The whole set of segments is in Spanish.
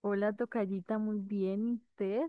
Hola, tocallita, muy bien, ¿y usted?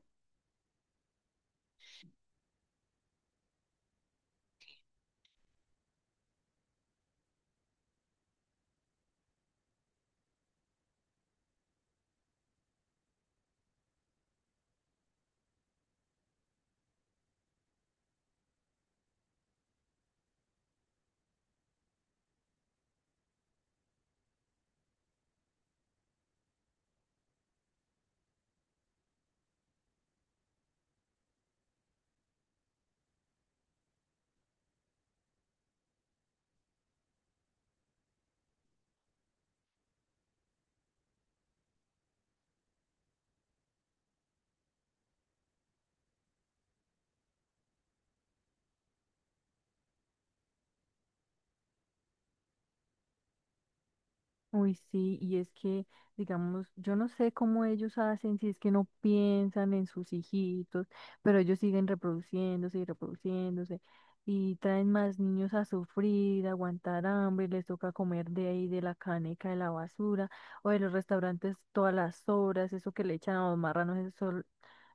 Uy, sí, y es que, digamos, yo no sé cómo ellos hacen, si es que no piensan en sus hijitos, pero ellos siguen reproduciéndose y reproduciéndose y traen más niños a sufrir, a aguantar hambre, les toca comer de ahí, de la caneca, de la basura o de los restaurantes todas las horas, eso que le echan a los marranos,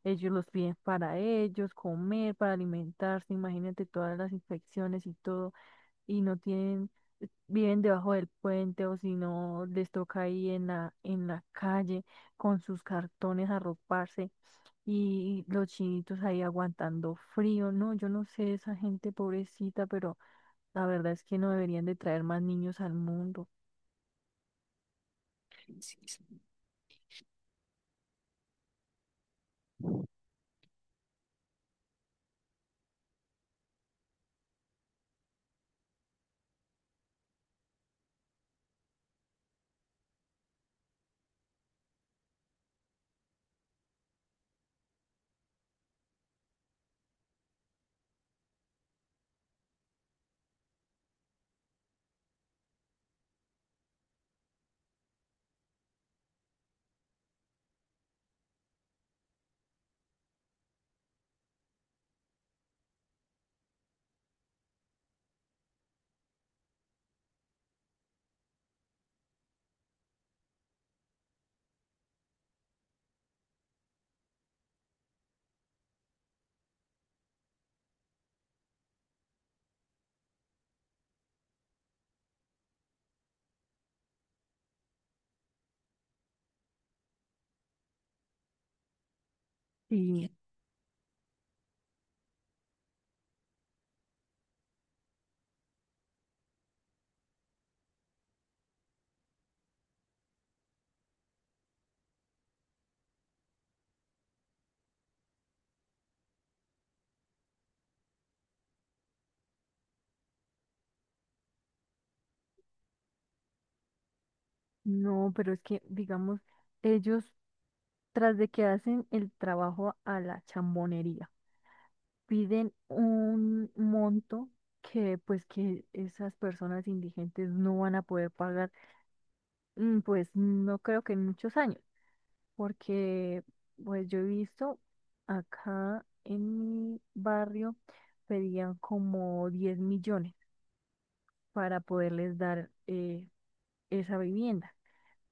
ellos los piden para ellos, comer, para alimentarse, imagínate todas las infecciones y todo. Y no tienen, viven debajo del puente o si no les toca ahí en la calle con sus cartones arroparse y los chinitos ahí aguantando frío. No, yo no sé esa gente pobrecita, pero la verdad es que no deberían de traer más niños al mundo. Sí, sí. Sí, no, pero es que, digamos, ellos, tras de que hacen el trabajo a la chambonería, piden un monto que, pues, que esas personas indigentes no van a poder pagar. Pues no creo que en muchos años, porque pues yo he visto acá en mi barrio pedían como 10 millones para poderles dar esa vivienda,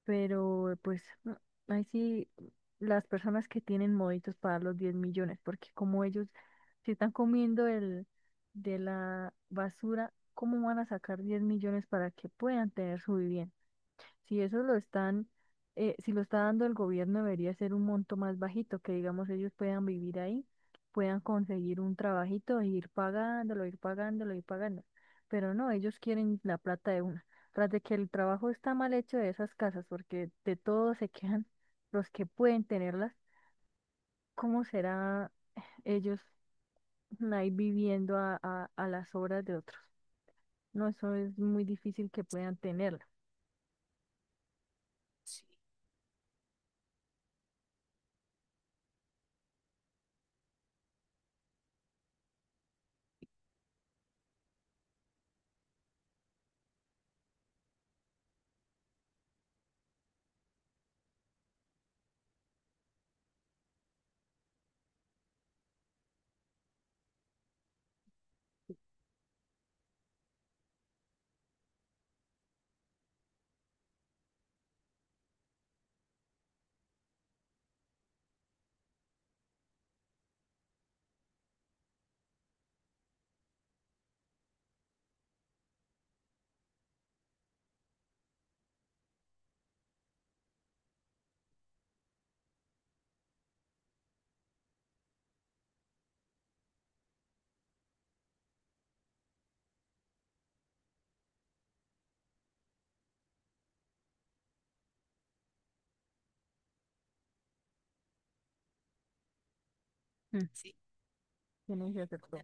pero pues ahí sí las personas que tienen moditos para los 10 millones, porque como ellos se están comiendo el de la basura, ¿cómo van a sacar 10 millones para que puedan tener su vivienda? Si eso lo están, si lo está dando el gobierno, debería ser un monto más bajito, que digamos ellos puedan vivir ahí, puedan conseguir un trabajito e ir pagándolo, ir pagándolo, ir pagando. Pero no, ellos quieren la plata de una. Tras de que el trabajo está mal hecho de esas casas, porque de todos se quedan los que pueden tenerlas, ¿cómo será ellos ahí viviendo a las obras de otros? No, eso es muy difícil que puedan tenerla. Sí. Mm, Tienen que hacer todo.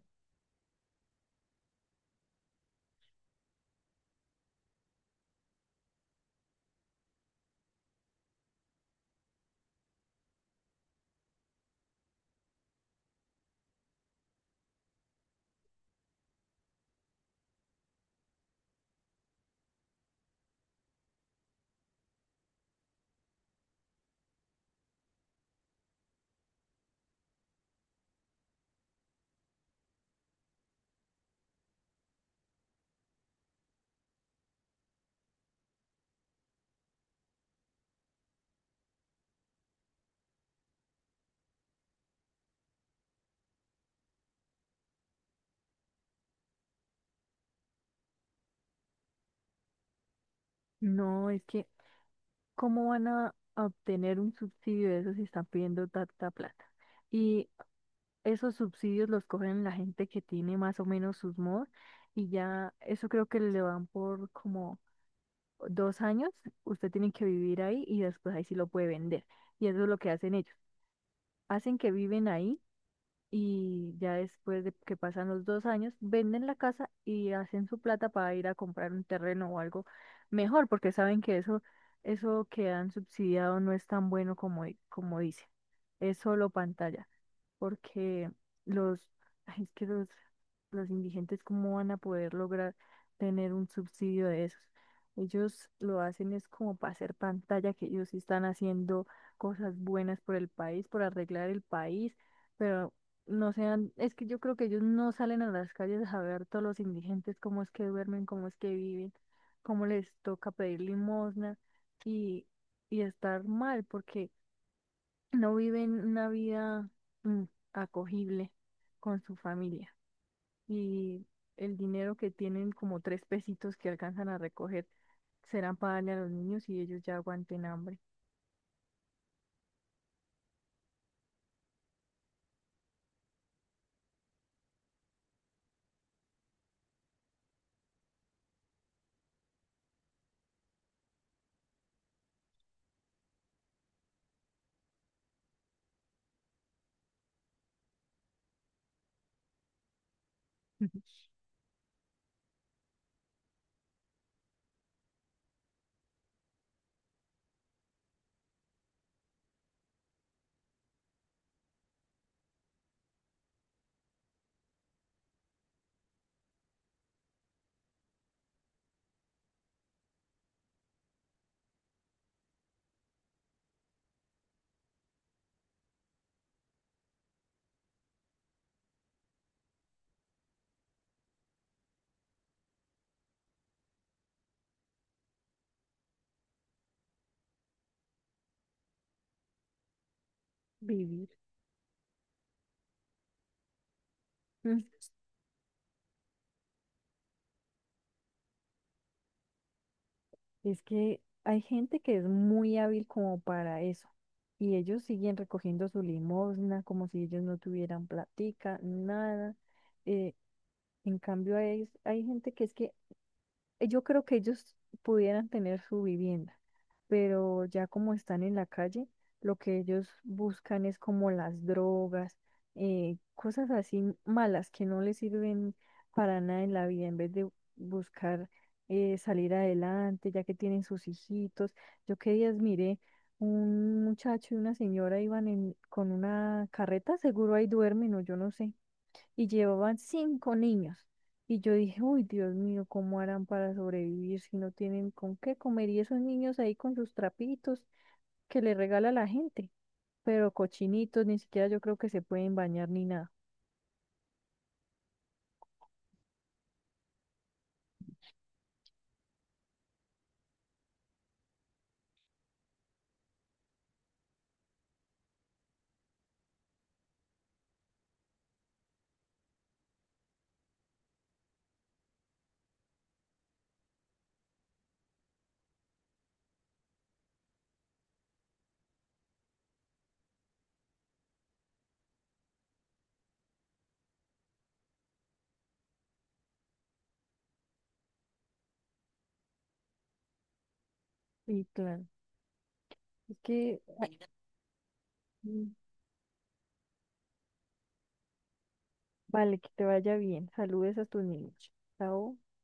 No, es que, ¿cómo van a obtener un subsidio de eso si están pidiendo tanta plata? Y esos subsidios los cogen la gente que tiene más o menos sus MOD y ya eso creo que le van por como 2 años, usted tiene que vivir ahí y después ahí sí lo puede vender. Y eso es lo que hacen ellos. Hacen que viven ahí y ya después de que pasan los 2 años, venden la casa y hacen su plata para ir a comprar un terreno o algo mejor, porque saben que eso que han subsidiado no es tan bueno como dice, es solo pantalla porque los, ay, es que los indigentes, ¿cómo van a poder lograr tener un subsidio de esos? Ellos lo hacen es como para hacer pantalla, que ellos sí están haciendo cosas buenas por el país, por arreglar el país, pero no sean, es que yo creo que ellos no salen a las calles a ver todos los indigentes, cómo es que duermen, cómo es que viven, cómo les toca pedir limosna y, y estar mal, porque no viven una vida mm, acogible con su familia y el dinero que tienen, como tres pesitos que alcanzan a recoger, serán para darle a los niños y ellos ya aguanten hambre. Vivir. Mm, Es que hay gente que es muy hábil como para eso y ellos siguen recogiendo su limosna como si ellos no tuvieran platica, nada. Eh, en cambio, hay gente que es que yo creo que ellos pudieran tener su vivienda pero ya como están en la calle, lo que ellos buscan es como las drogas, cosas así malas que no les sirven para nada en la vida, en vez de buscar salir adelante, ya que tienen sus hijitos. Yo qué días miré, un muchacho y una señora iban con una carreta, seguro ahí duermen o yo no sé y llevaban 5 niños. Y yo dije, uy, Dios mío, ¿cómo harán para sobrevivir si no tienen con qué comer? Y esos niños ahí con sus trapitos que le regala la gente, pero cochinitos, ni siquiera yo creo que se pueden bañar ni nada. Y claro, es que, bueno, mm, vale, que te vaya bien. Saludes a tus niños. Chao.